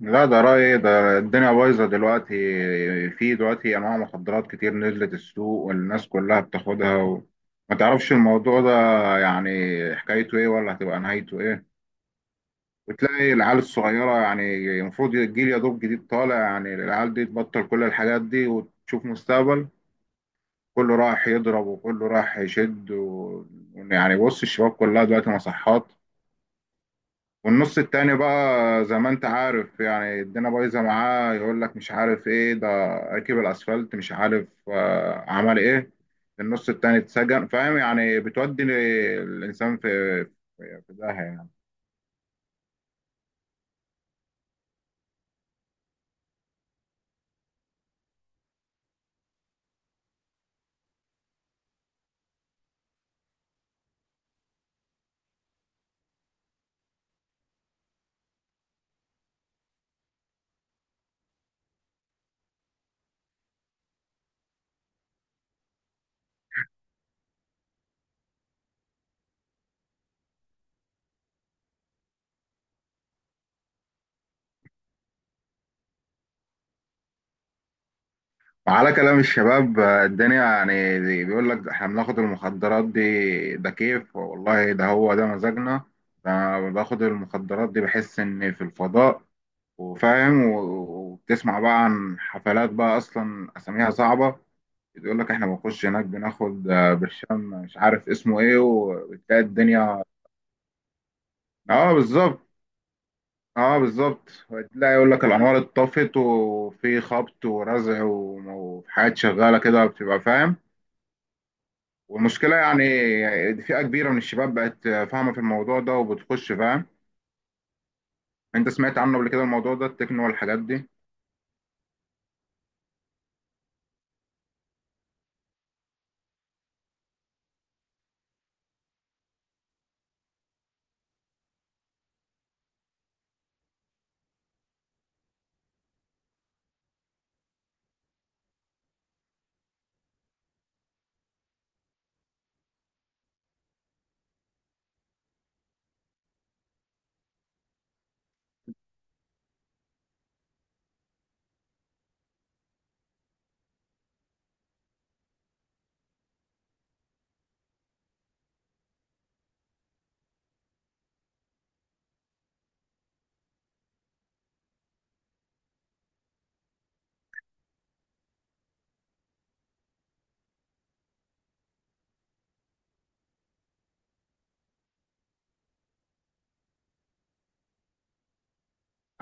لا، ده رأيي ده، الدنيا بايظة دلوقتي. في دلوقتي أنواع مخدرات كتير نزلت السوق والناس كلها بتاخدها وما تعرفش الموضوع ده يعني حكايته إيه ولا هتبقى نهايته إيه. وتلاقي العيال الصغيرة، يعني المفروض الجيل يا دوب جديد طالع، يعني العيال دي تبطل كل الحاجات دي وتشوف مستقبل. كله راح يضرب وكله راح يشد يعني بص الشباب كلها دلوقتي مصحات. والنص التاني بقى زي ما انت عارف، يعني الدنيا بايظه معاه، يقول لك مش عارف ايه ده، ركب الاسفلت، مش عارف آه، عمل ايه. النص التاني اتسجن، فاهم؟ يعني بتودي الانسان في في داهيه يعني. وعلى كلام الشباب آه، الدنيا يعني بيقول لك احنا بناخد المخدرات دي، ده كيف والله، ده هو ده مزاجنا. ده أنا باخد المخدرات دي بحس اني في الفضاء وفاهم وبتسمع بقى عن حفلات بقى اصلا اساميها صعبه. بيقول لك احنا بنخش هناك بناخد آه، برشام مش عارف اسمه ايه، وبتلاقي الدنيا. اه بالظبط. اه بالظبط، وتلاقي يقول لك الانوار اتطفت وفي خبط ورزع وحاجات شغاله كده، بتبقى فاهم. والمشكله يعني فئه كبيره من الشباب بقت فاهمه في الموضوع ده وبتخش، فاهم؟ انت سمعت عنه قبل كده الموضوع ده، التكنو والحاجات دي؟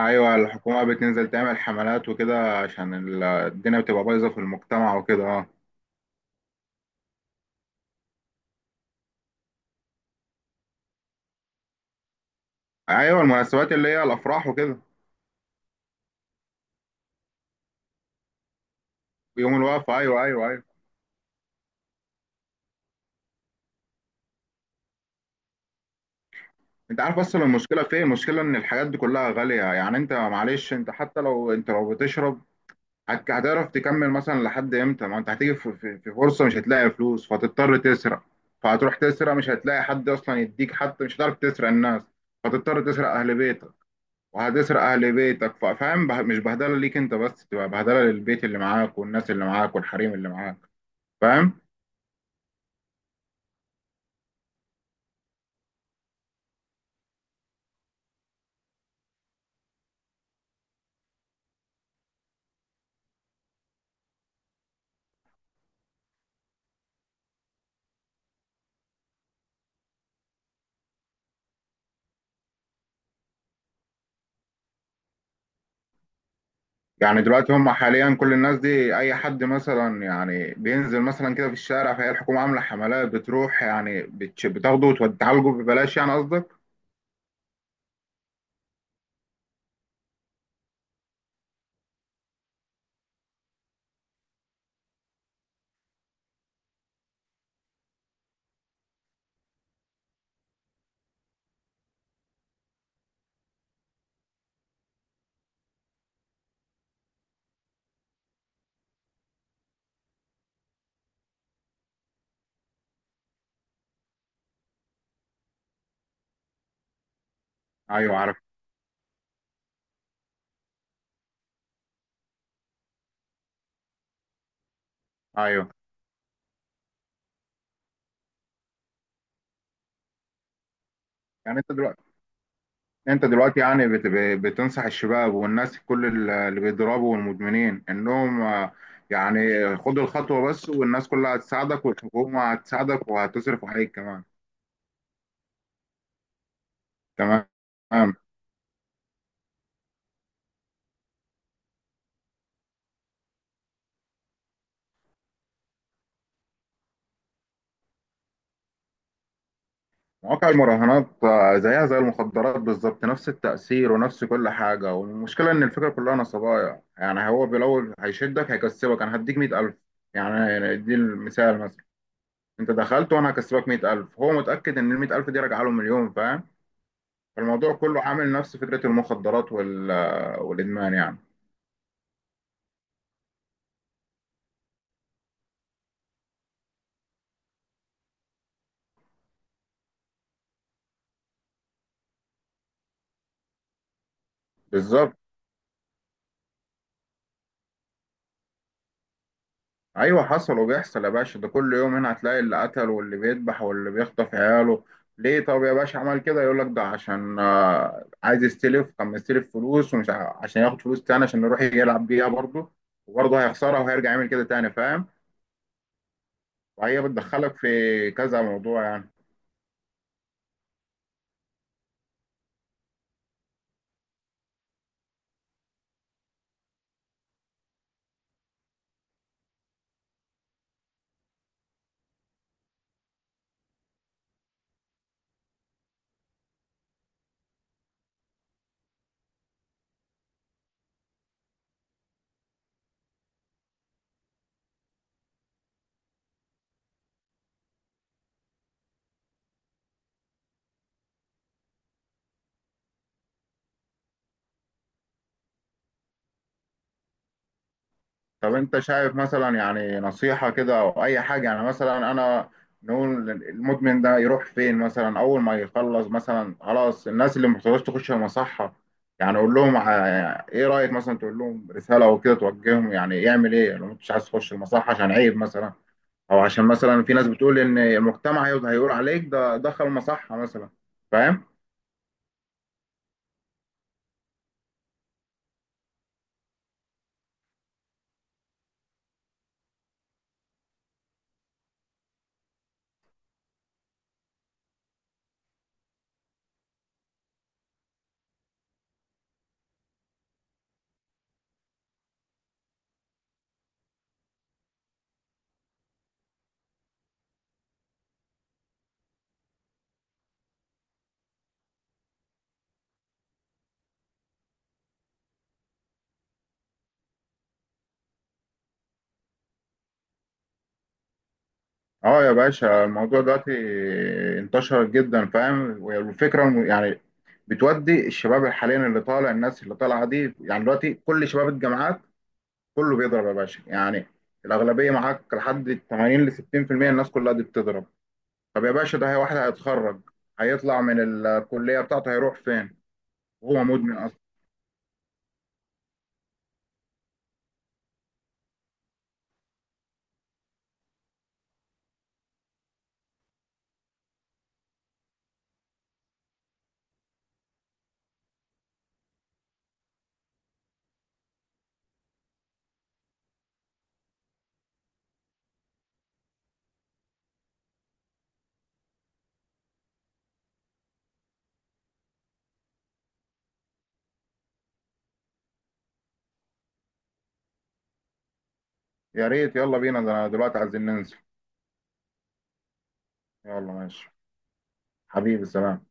ايوه، الحكومه بتنزل تعمل حملات وكده عشان الدنيا بتبقى بايظه في المجتمع وكده، اه. ايوه، المناسبات اللي هي الافراح وكده. يوم الوقفة، أيوه أيوه أيوه. أنت عارف أصلا المشكلة فين؟ المشكلة إن الحاجات دي كلها غالية، يعني أنت معلش، أنت حتى لو أنت لو بتشرب هتعرف تكمل مثلا لحد إمتى؟ ما أنت هتيجي في في فرصة مش هتلاقي فلوس فهتضطر تسرق. فهتروح تسرق، مش هتلاقي حد أصلا يديك، حتى مش هتعرف تسرق الناس، فتضطر تسرق أهل بيتك. وهتسرق أهل بيتك، فاهم؟ مش بهدلة ليك أنت بس، تبقى بهدلة للبيت اللي معاك والناس اللي معاك والحريم اللي معاك. فاهم؟ يعني دلوقتي هم حاليا كل الناس دي، اي حد مثلا يعني بينزل مثلا كده في الشارع، فهي الحكومه عامله حملات بتروح يعني بتاخده وتعالجه ببلاش، يعني قصدك؟ ايوه عارف. ايوه، يعني انت دلوقتي، انت دلوقتي يعني بتنصح الشباب والناس كل اللي بيضربوا والمدمنين انهم آه، يعني خدوا الخطوه بس، والناس كلها هتساعدك والحكومه هتساعدك وهتصرف عليك كمان. تمام. مواقع المراهنات آه، زيها زي المخدرات بالظبط، نفس التأثير ونفس كل حاجة. والمشكلة إن الفكرة كلها نصبايا، يعني هو بالأول هيشدك، هيكسبك، أنا هديك مية ألف، يعني دي المثال مثلا، أنت دخلت وأنا هكسبك مية ألف، هو متأكد إن المية ألف دي راجعة له مليون، فاهم؟ فالموضوع كله عامل نفس فكرة المخدرات والإدمان يعني. بالظبط. ايوه حصل وبيحصل يا باشا، ده كل يوم هنا هتلاقي اللي قتل واللي بيذبح واللي بيخطف عياله. ليه طب يا باشا عمل كده؟ يقول لك ده عشان آه، عايز يستلف، كان مستلف فلوس، ومش عشان ياخد فلوس تاني عشان يروح يلعب بيها برضه، وبرضه هيخسرها وهيرجع يعمل كده تاني، فاهم؟ وهي بتدخلك في كذا موضوع يعني. طب انت شايف مثلا يعني نصيحة كده او اي حاجة، يعني مثلا انا نقول المدمن ده يروح فين مثلا اول ما يخلص مثلا خلاص، الناس اللي محتاجاش تخش المصحة، يعني اقول لهم ايه رأيك مثلا تقول لهم رسالة او كده توجههم، يعني يعمل ايه لو انت مش عايز تخش المصحة عشان عيب مثلا، او عشان مثلا في ناس بتقول ان المجتمع هيقول عليك ده دخل مصحة مثلا، فاهم؟ اه يا باشا الموضوع دلوقتي انتشر جدا، فاهم؟ والفكره إنه يعني بتودي الشباب حاليا، اللي طالع الناس اللي طالعه دي يعني دلوقتي كل شباب الجامعات كله بيضرب يا باشا، يعني الاغلبيه معاك لحد 80 ل 60%، الناس كلها دي بتضرب. طب يا باشا ده هي واحد هيتخرج، هيطلع من الكليه بتاعته هيروح فين وهو مدمن اصلا؟ يا ريت، يلا بينا، ده أنا دلوقتي عايزين ننزل. يلا ماشي. حبيبي سلام.